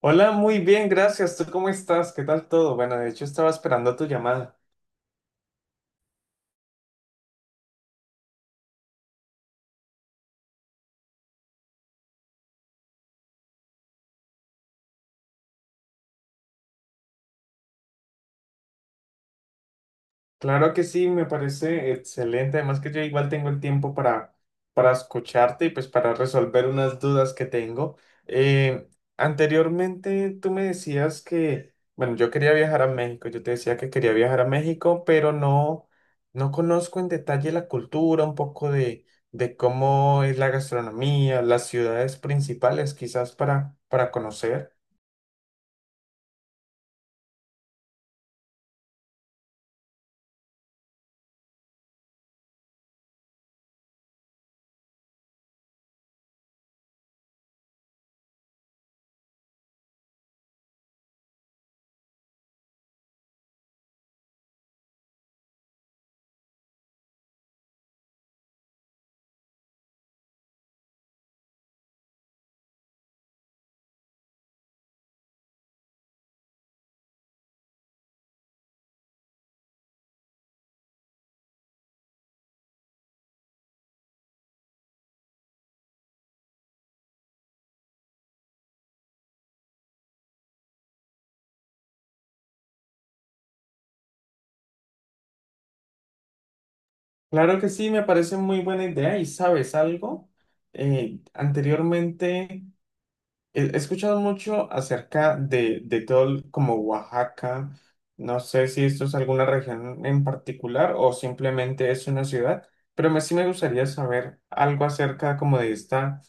Hola, muy bien, gracias. ¿Tú cómo estás? ¿Qué tal todo? Bueno, de hecho estaba esperando tu llamada. Claro que sí, me parece excelente. Además que yo igual tengo el tiempo para escucharte y pues para resolver unas dudas que tengo. Eh, Anteriormente tú me decías que, bueno, yo quería viajar a México. Yo te decía que quería viajar a México, pero no conozco en detalle la cultura, un poco de cómo es la gastronomía, las ciudades principales quizás para conocer. Claro que sí, me parece muy buena idea y sabes algo. Eh, anteriormente... he escuchado mucho acerca de todo como Oaxaca. No sé si esto es alguna región en particular o simplemente es una ciudad, pero me, sí me gustaría saber algo acerca como de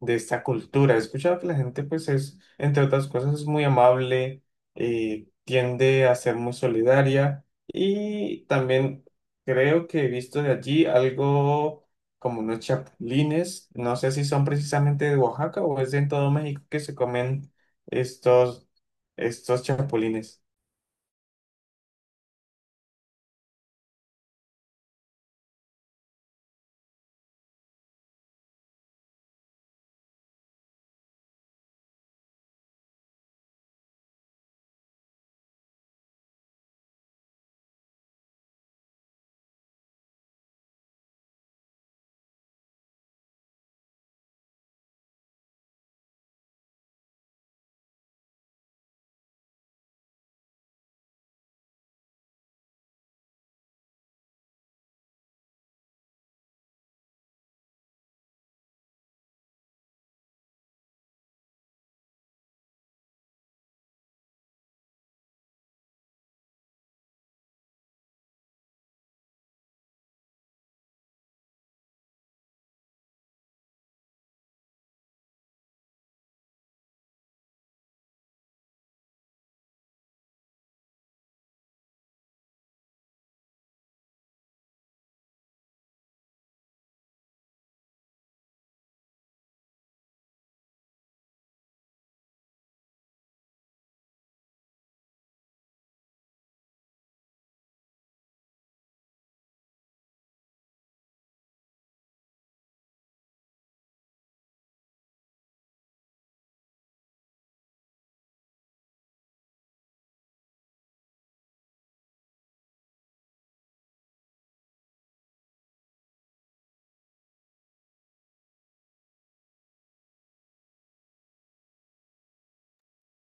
de esta cultura. He escuchado que la gente pues es, entre otras cosas, es muy amable, tiende a ser muy solidaria y también creo que he visto de allí algo como unos chapulines, no sé si son precisamente de Oaxaca o es de en todo México que se comen estos, estos chapulines.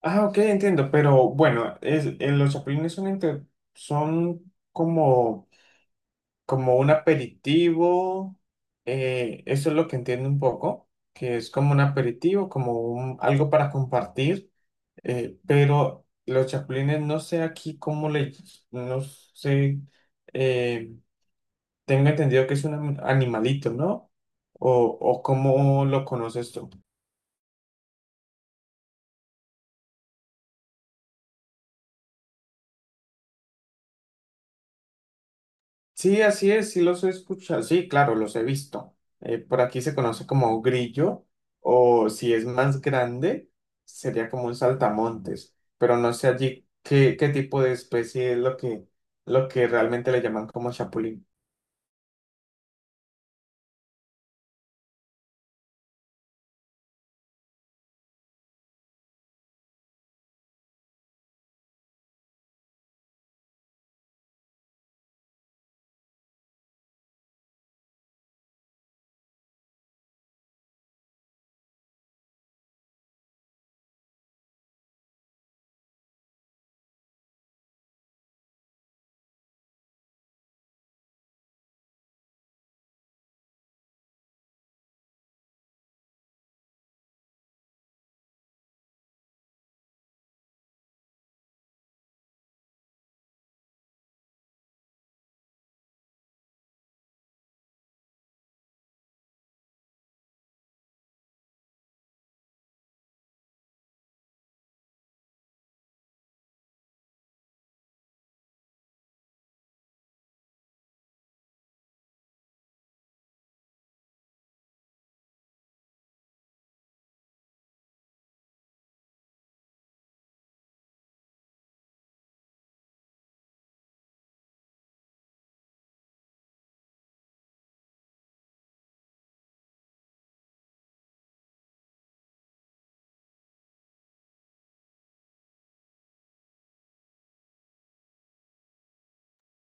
Ah, ok, entiendo, pero bueno, los chapulines son, son como, como un aperitivo, eso es lo que entiendo un poco, que es como un aperitivo, como algo para compartir, pero los chapulines no sé aquí cómo no sé. eh, Tengo entendido que es un animalito, ¿no? O cómo lo conoces tú? Sí, así es, sí los he escuchado, sí, claro, los he visto. Por aquí se conoce como grillo, o si es más grande, sería como un saltamontes, pero no sé allí qué, qué tipo de especie es lo que realmente le llaman como chapulín.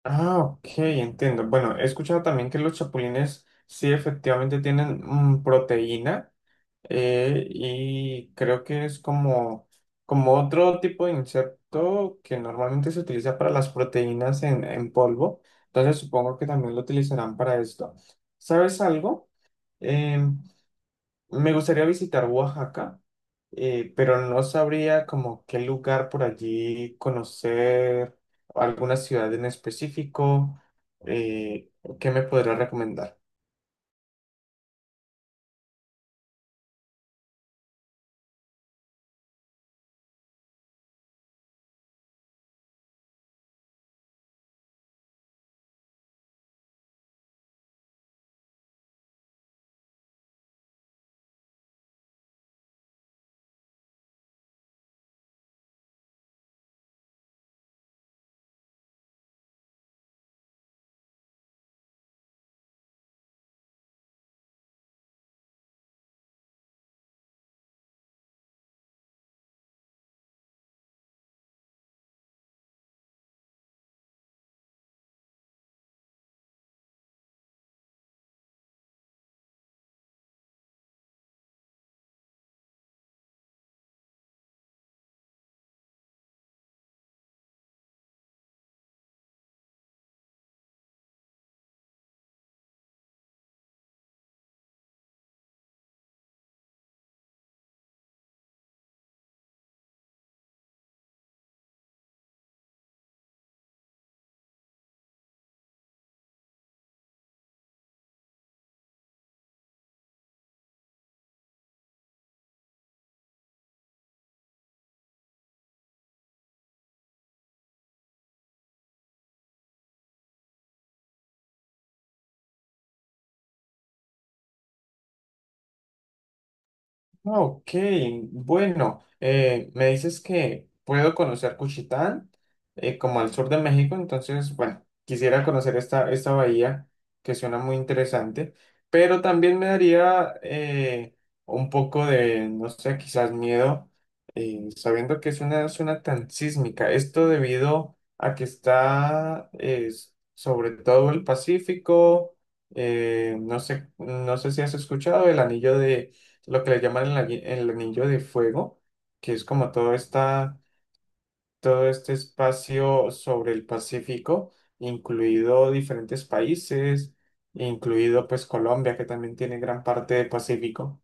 Ah, ok, entiendo. Bueno, he escuchado también que los chapulines sí efectivamente tienen proteína. Y creo que es como, como otro tipo de insecto que normalmente se utiliza para las proteínas en polvo. Entonces supongo que también lo utilizarán para esto. ¿Sabes algo? Em, Me gustaría visitar Oaxaca, pero no sabría como qué lugar por allí conocer, alguna ciudad en específico. Eh, ¿Qué me podría recomendar? Ok, bueno, me dices que puedo conocer Cuchitán, como al sur de México, entonces, bueno, quisiera conocer esta bahía que suena muy interesante, pero también me daría un poco de, no sé, quizás miedo, sabiendo que es una zona tan sísmica. Esto debido a que está sobre todo el Pacífico, no sé, no sé si has escuchado el anillo de lo que le llaman el anillo de fuego, que es como todo, todo este espacio sobre el Pacífico, incluido diferentes países, incluido pues Colombia, que también tiene gran parte del Pacífico.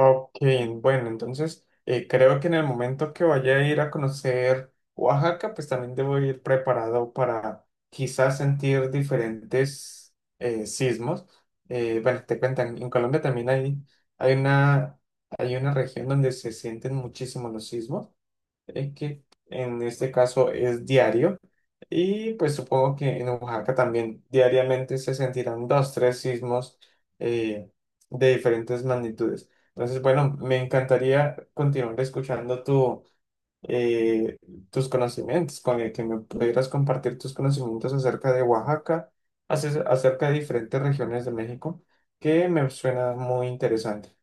Ok, bueno, entonces creo que en el momento que vaya a ir a conocer Oaxaca, pues también debo ir preparado para quizás sentir diferentes sismos. Bueno, te cuentan, en Colombia también hay hay una región donde se sienten muchísimo los sismos que en este caso es diario. Y pues supongo que en Oaxaca también diariamente se sentirán dos, tres sismos eh, de diferentes magnitudes. Entonces, bueno, me encantaría continuar escuchando eh, tus conocimientos, con el que me pudieras compartir tus conocimientos acerca de Oaxaca, acerca de diferentes regiones de México, que me suena muy interesante.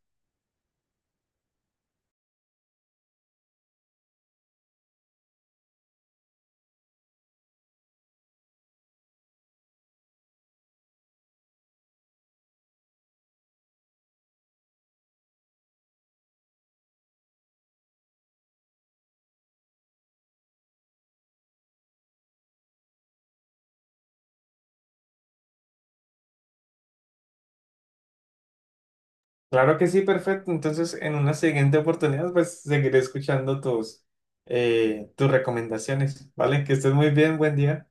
Claro que sí, perfecto. Entonces, en una siguiente oportunidad, pues seguiré escuchando tus recomendaciones, ¿vale? Que estés muy bien, buen día.